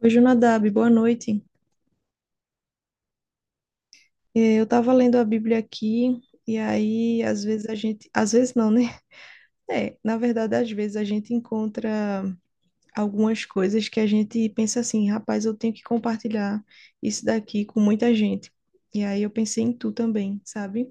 Oi, Jonadab, boa noite. Eu estava lendo a Bíblia aqui, e aí, às vezes a gente. Às vezes não, né? É, na verdade, às vezes a gente encontra algumas coisas que a gente pensa assim, rapaz, eu tenho que compartilhar isso daqui com muita gente. E aí eu pensei em tu também, sabe?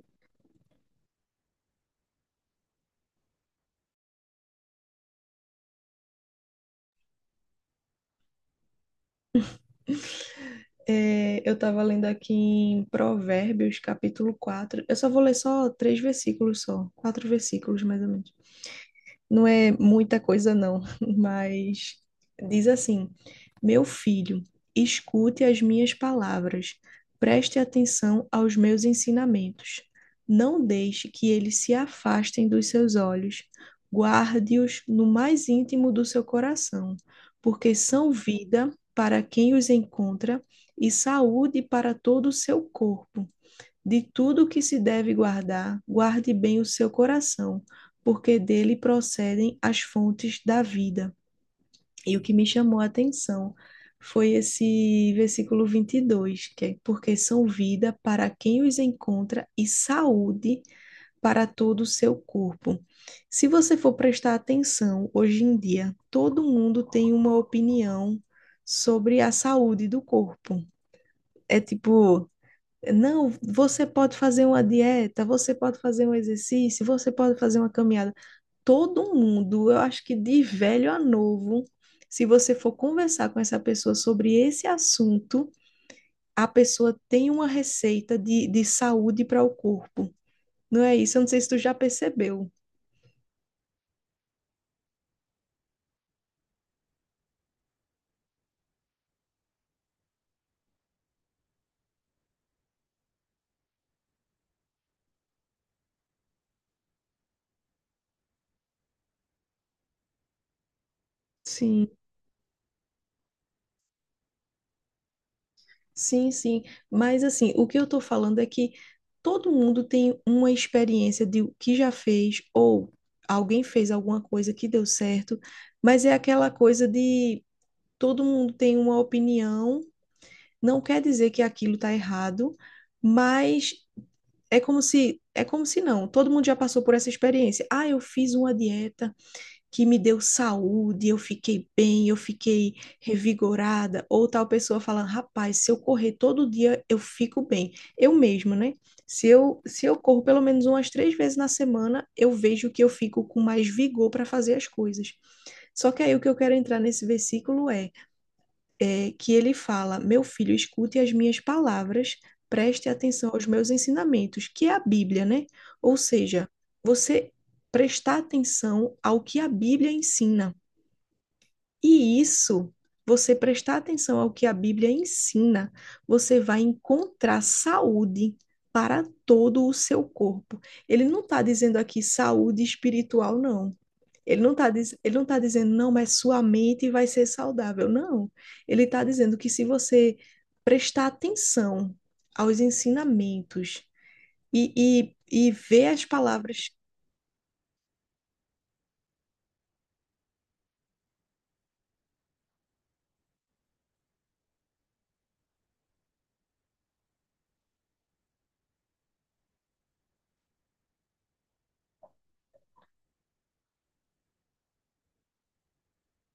Eu estava lendo aqui em Provérbios, capítulo 4. Eu só vou ler só 3 versículos só, 4 versículos mais ou menos. Não é muita coisa, não, mas diz assim: Meu filho, escute as minhas palavras, preste atenção aos meus ensinamentos. Não deixe que eles se afastem dos seus olhos, guarde-os no mais íntimo do seu coração, porque são vida para quem os encontra e saúde para todo o seu corpo. De tudo que se deve guardar, guarde bem o seu coração, porque dele procedem as fontes da vida. E o que me chamou a atenção foi esse versículo 22, que é porque são vida para quem os encontra e saúde para todo o seu corpo. Se você for prestar atenção, hoje em dia, todo mundo tem uma opinião sobre a saúde do corpo. É tipo, não, você pode fazer uma dieta, você pode fazer um exercício, você pode fazer uma caminhada. Todo mundo, eu acho que de velho a novo, se você for conversar com essa pessoa sobre esse assunto, a pessoa tem uma receita de saúde para o corpo. Não é isso? Eu não sei se tu já percebeu. Sim. Sim, sim. Mas assim, o que eu tô falando é que todo mundo tem uma experiência de o que já fez ou alguém fez alguma coisa que deu certo, mas é aquela coisa de todo mundo tem uma opinião, não quer dizer que aquilo tá errado, mas é como se não, todo mundo já passou por essa experiência. Ah, eu fiz uma dieta que me deu saúde, eu fiquei bem, eu fiquei revigorada. Ou tal pessoa falando, rapaz, se eu correr todo dia, eu fico bem. Eu mesma, né? Se eu corro pelo menos umas 3 vezes na semana, eu vejo que eu fico com mais vigor para fazer as coisas. Só que aí o que eu quero entrar nesse versículo é que ele fala: Meu filho, escute as minhas palavras, preste atenção aos meus ensinamentos, que é a Bíblia, né? Ou seja, você prestar atenção ao que a Bíblia ensina. E isso, você prestar atenção ao que a Bíblia ensina, você vai encontrar saúde para todo o seu corpo. Ele não está dizendo aqui saúde espiritual, não. Ele não está ele não tá dizendo, não, mas sua mente vai ser saudável. Não. Ele está dizendo que se você prestar atenção aos ensinamentos e, e, e ver as palavras.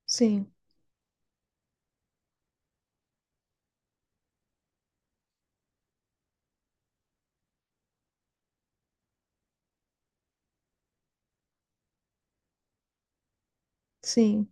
Sim, sim,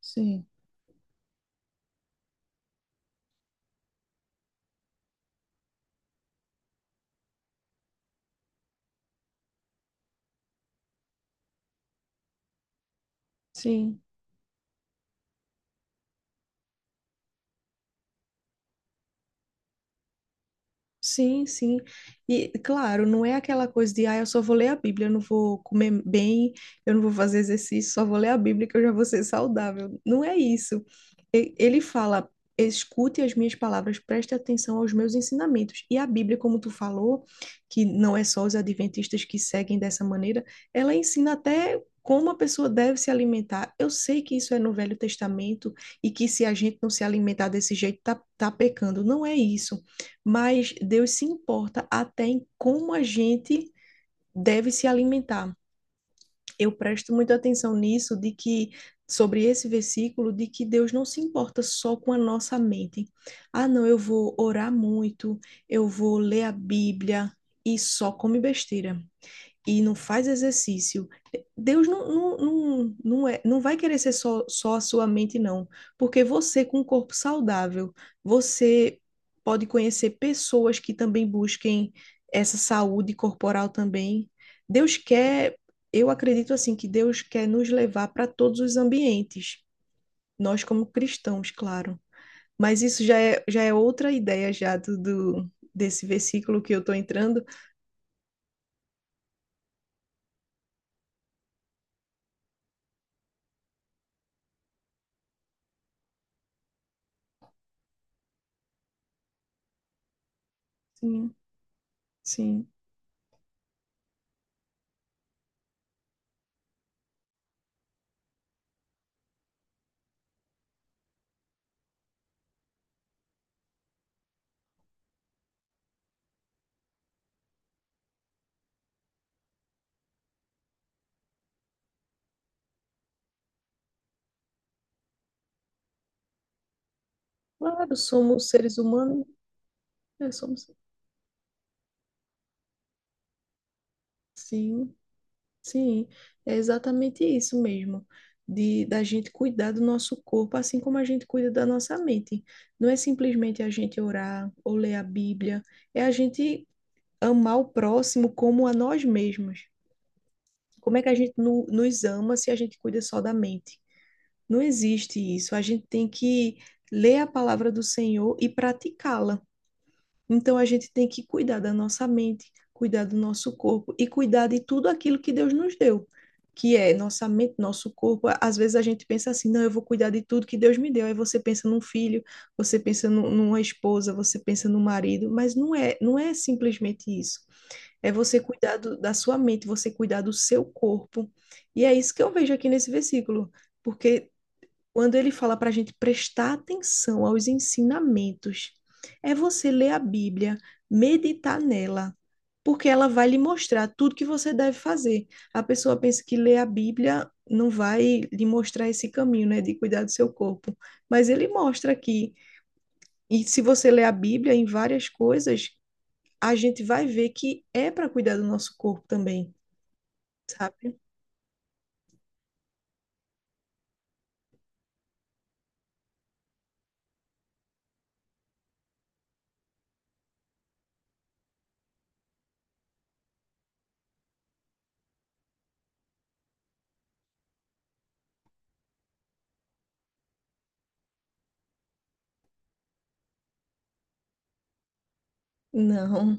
sim, sim. Sim, sim. E claro, não é aquela coisa de, ah, eu só vou ler a Bíblia, eu não vou comer bem, eu não vou fazer exercício, só vou ler a Bíblia que eu já vou ser saudável. Não é isso. Ele fala, escute as minhas palavras, preste atenção aos meus ensinamentos. E a Bíblia, como tu falou, que não é só os adventistas que seguem dessa maneira, ela ensina até como a pessoa deve se alimentar. Eu sei que isso é no Velho Testamento e que se a gente não se alimentar desse jeito, tá pecando. Não é isso, mas Deus se importa até em como a gente deve se alimentar. Eu presto muita atenção nisso, de que sobre esse versículo, de que Deus não se importa só com a nossa mente. Ah, não, eu vou orar muito, eu vou ler a Bíblia e só come besteira e não faz exercício, Deus não vai querer ser só a sua mente, não. Porque você, com um corpo saudável, você pode conhecer pessoas que também busquem essa saúde corporal também. Deus quer, eu acredito assim, que Deus quer nos levar para todos os ambientes, nós como cristãos, claro. Mas isso já é outra ideia já do desse versículo que eu estou entrando. Sim, sim. Claro, somos seres humanos, né? Somos. Sim, sim, é exatamente isso mesmo, de da gente cuidar do nosso corpo, assim como a gente cuida da nossa mente. Não é simplesmente a gente orar ou ler a Bíblia, é a gente amar o próximo como a nós mesmos. Como é que a gente nos ama se a gente cuida só da mente? Não existe isso. A gente tem que ler a palavra do Senhor e praticá-la. Então a gente tem que cuidar da nossa mente, cuidar do nosso corpo e cuidar de tudo aquilo que Deus nos deu, que é nossa mente, nosso corpo. Às vezes a gente pensa assim, não, eu vou cuidar de tudo que Deus me deu. Aí você pensa num filho, você pensa numa esposa, você pensa no marido, mas não é simplesmente isso. É você cuidar da sua mente, você cuidar do seu corpo. E é isso que eu vejo aqui nesse versículo, porque quando ele fala para a gente prestar atenção aos ensinamentos, é você ler a Bíblia, meditar nela, porque ela vai lhe mostrar tudo que você deve fazer. A pessoa pensa que ler a Bíblia não vai lhe mostrar esse caminho, né, de cuidar do seu corpo, mas ele mostra aqui. E se você ler a Bíblia em várias coisas, a gente vai ver que é para cuidar do nosso corpo também, sabe? Não,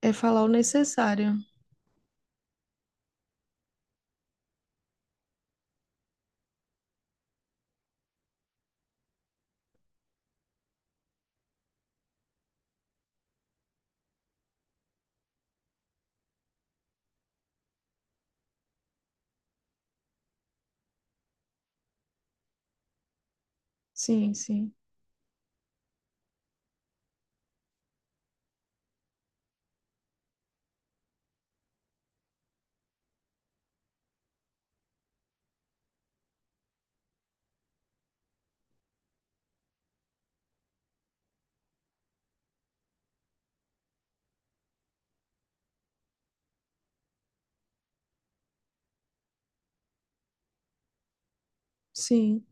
é falar o necessário. Sim, sim. Sim,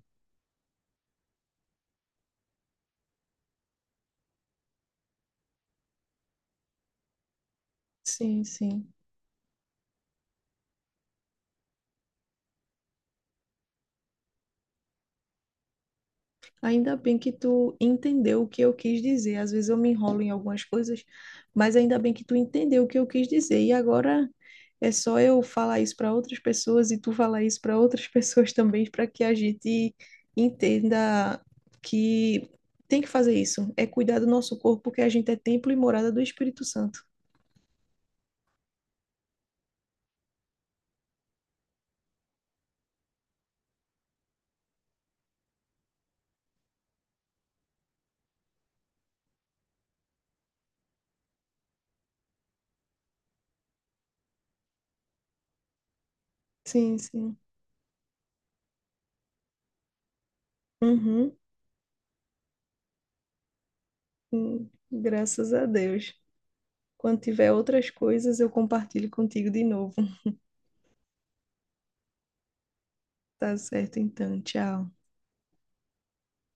sim, sim. Ainda bem que tu entendeu o que eu quis dizer. Às vezes eu me enrolo em algumas coisas, mas ainda bem que tu entendeu o que eu quis dizer. E agora é só eu falar isso para outras pessoas e tu falar isso para outras pessoas também, para que a gente entenda que tem que fazer isso. É cuidar do nosso corpo, porque a gente é templo e morada do Espírito Santo. Sim, sim. Uhum. Graças a Deus. Quando tiver outras coisas, eu compartilho contigo de novo. Tá certo, então. Tchau.